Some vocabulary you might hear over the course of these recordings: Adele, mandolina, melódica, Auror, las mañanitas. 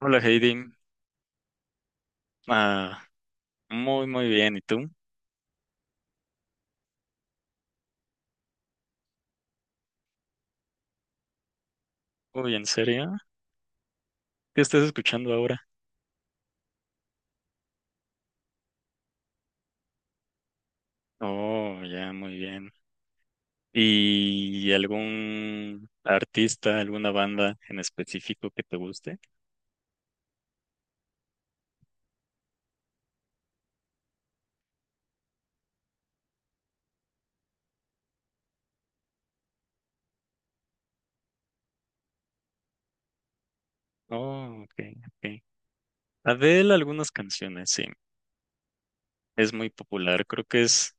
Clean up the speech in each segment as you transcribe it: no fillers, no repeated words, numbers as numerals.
Hola Heidi, ah, muy muy bien, ¿y tú? Uy, ¿en serio? ¿Qué estás escuchando ahora? Oh, ya, muy bien. ¿Y algún artista, alguna banda en específico que te guste? Oh, ok, ok. Adele, algunas canciones, sí, es muy popular, creo que es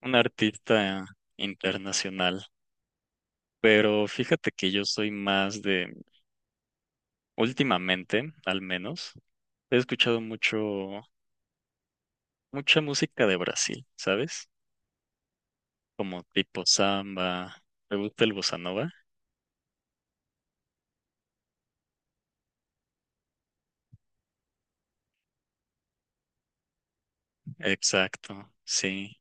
un artista internacional, pero fíjate que yo soy más de, últimamente, al menos, he escuchado mucho, mucha música de Brasil, ¿sabes? Como tipo samba. ¿Te gusta el bossa nova? Exacto, sí.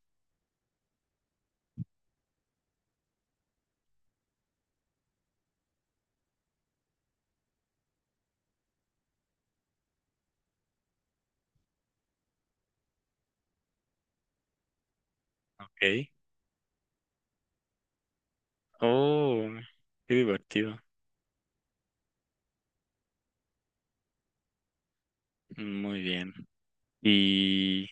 Ok. Oh, qué divertido. Muy bien. Y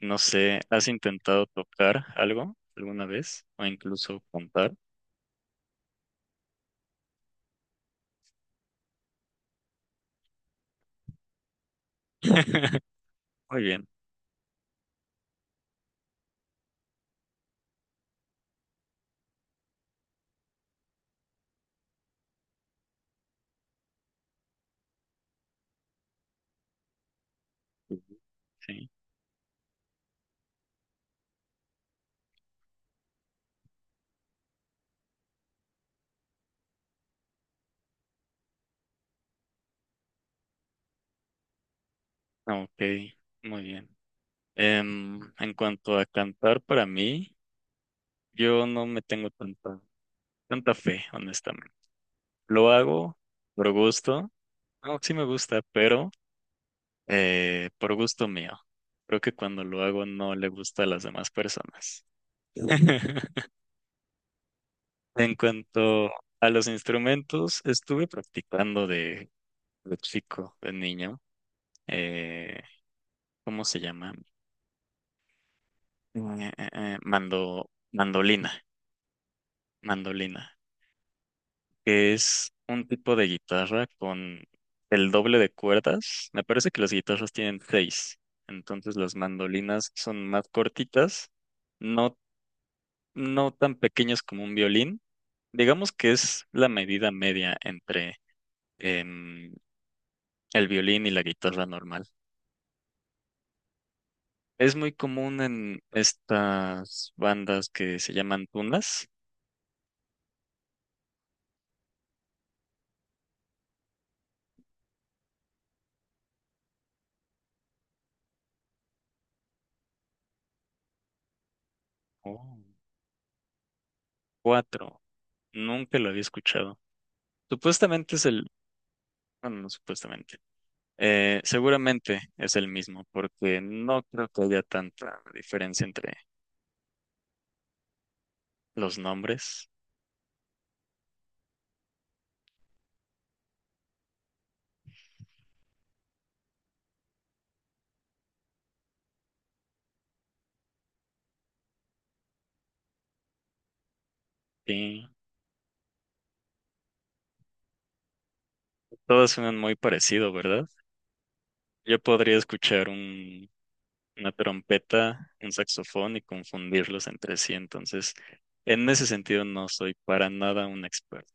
no sé, ¿has intentado tocar algo alguna vez? O incluso contar. Muy bien. Sí. Ah, ok, muy bien. En cuanto a cantar, para mí, yo no me tengo tanta, tanta fe, honestamente. Lo hago por gusto. No, sí me gusta, pero por gusto mío. Creo que cuando lo hago no le gusta a las demás personas. En cuanto a los instrumentos, estuve practicando de chico, de niño. eh, ¿Cómo se llama? Eh, eh, eh, mando, mandolina, mandolina, que es un tipo de guitarra con el doble de cuerdas. Me parece que las guitarras tienen seis, entonces las mandolinas son más cortitas, no no tan pequeñas como un violín. Digamos que es la medida media entre em, el violín y la guitarra normal. Es muy común en estas bandas que se llaman tunas. Oh. Cuatro. Nunca lo había escuchado. Supuestamente es el... Bueno, no supuestamente. Seguramente es el mismo, porque no creo que haya tanta diferencia entre los nombres. Sí, todos suenan muy parecido, ¿verdad? Yo podría escuchar un una trompeta, un saxofón y confundirlos entre sí. Entonces, en ese sentido no soy para nada un experto.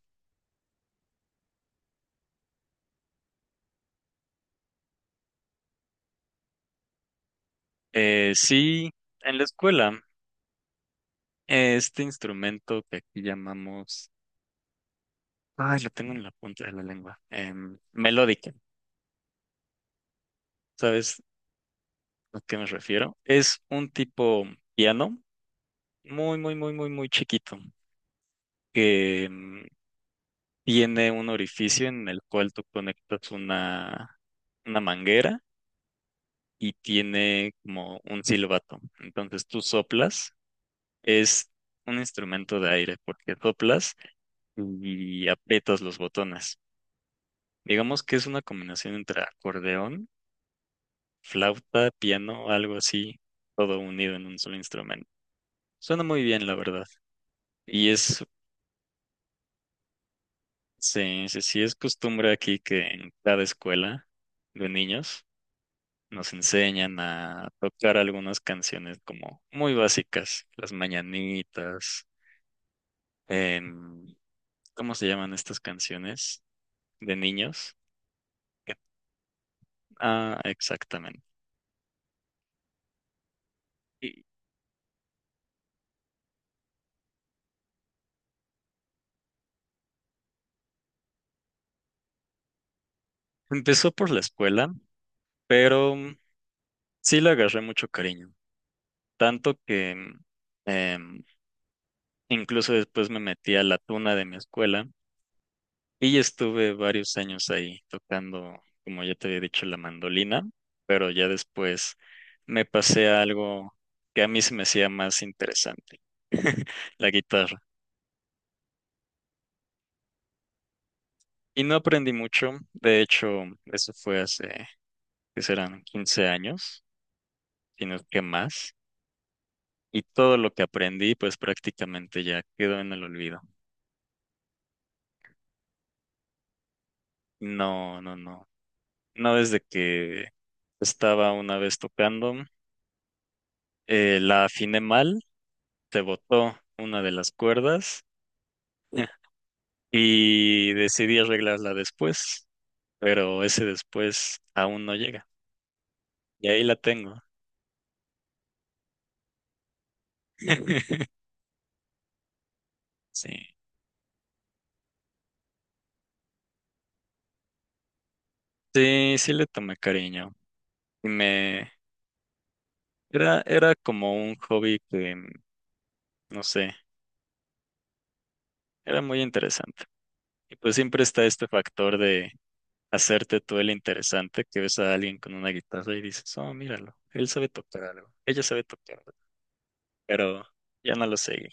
Sí, en la escuela, este instrumento que aquí llamamos, ay, lo tengo en la punta de la lengua, melódica, ¿sabes a qué me refiero? Es un tipo piano muy, muy, muy, muy, muy chiquito que tiene un orificio en el cual tú conectas una manguera y tiene como un silbato. Entonces tú soplas, es un instrumento de aire porque soplas y aprietas los botones. Digamos que es una combinación entre acordeón, flauta, piano, algo así, todo unido en un solo instrumento. Suena muy bien, la verdad. Y es, sí, sí, sí, es costumbre aquí que en cada escuela de niños nos enseñan a tocar algunas canciones como muy básicas, las mañanitas, en, ¿cómo se llaman estas canciones de niños? Que- Ah, exactamente. Y empezó por la escuela, pero sí le agarré mucho cariño, tanto que em, incluso después me metí a la tuna de mi escuela y estuve varios años ahí tocando, como ya te había dicho, la mandolina, pero ya después me pasé a algo que a mí se me hacía más interesante, la guitarra. Y no aprendí mucho. De hecho, eso fue hace, que serán 15 años, sino que más. Y todo lo que aprendí, pues prácticamente ya quedó en el olvido. No, no, no. No desde que estaba una vez tocando, la afiné mal, se botó una de las cuerdas y decidí arreglarla después, pero ese después aún no llega. Y ahí la tengo. Sí, sí, sí le tomé cariño. Y me, era como un hobby que, no sé, era muy interesante. Y pues siempre está este factor de hacerte tú el interesante, que ves a alguien con una guitarra y dices, oh, míralo, él sabe tocar algo, ella sabe tocar algo, pero ya no lo seguí. ¿En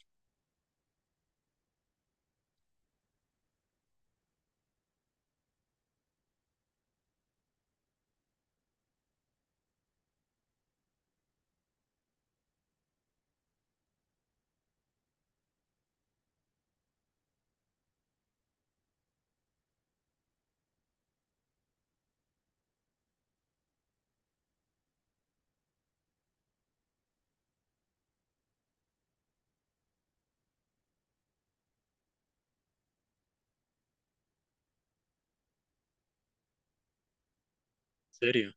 serio?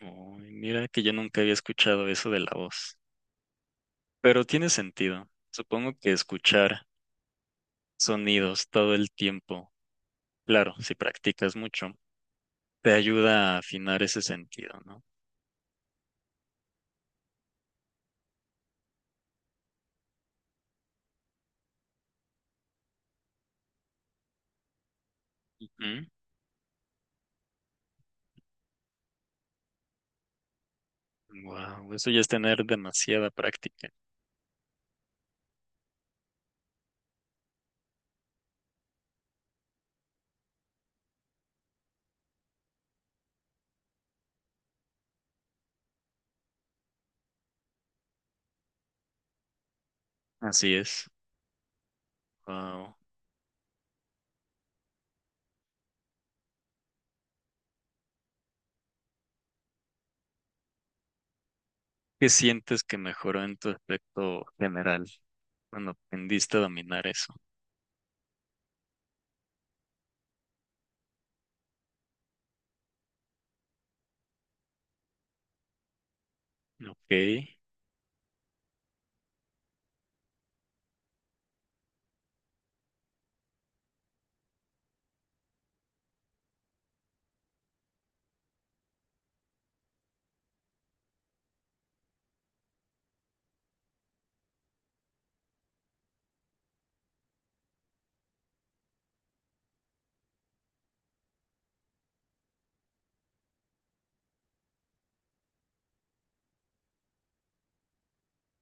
Ay, mira que yo nunca había escuchado eso de la voz. Pero tiene sentido. Supongo que escuchar sonidos todo el tiempo, claro, si practicas mucho, te ayuda a afinar ese sentido, ¿no? Ujú. Wow, eso ya es tener demasiada práctica. Así es. Wow. ¿Qué sientes que mejoró en tu aspecto general cuando aprendiste a dominar eso? Ok,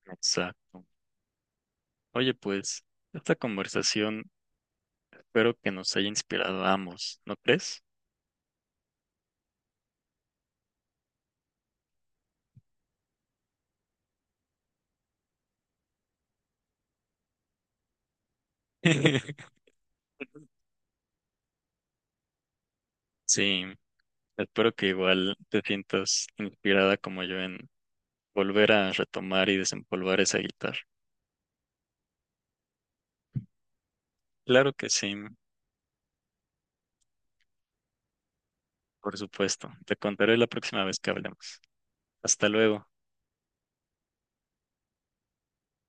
exacto. Oye, pues, esta conversación espero que nos haya inspirado a ambos, ¿no crees? Sí, espero que igual te sientas inspirada como yo en volver a retomar y desempolvar esa guitarra. Claro que sí, por supuesto. Te contaré la próxima vez que hablemos. Hasta luego.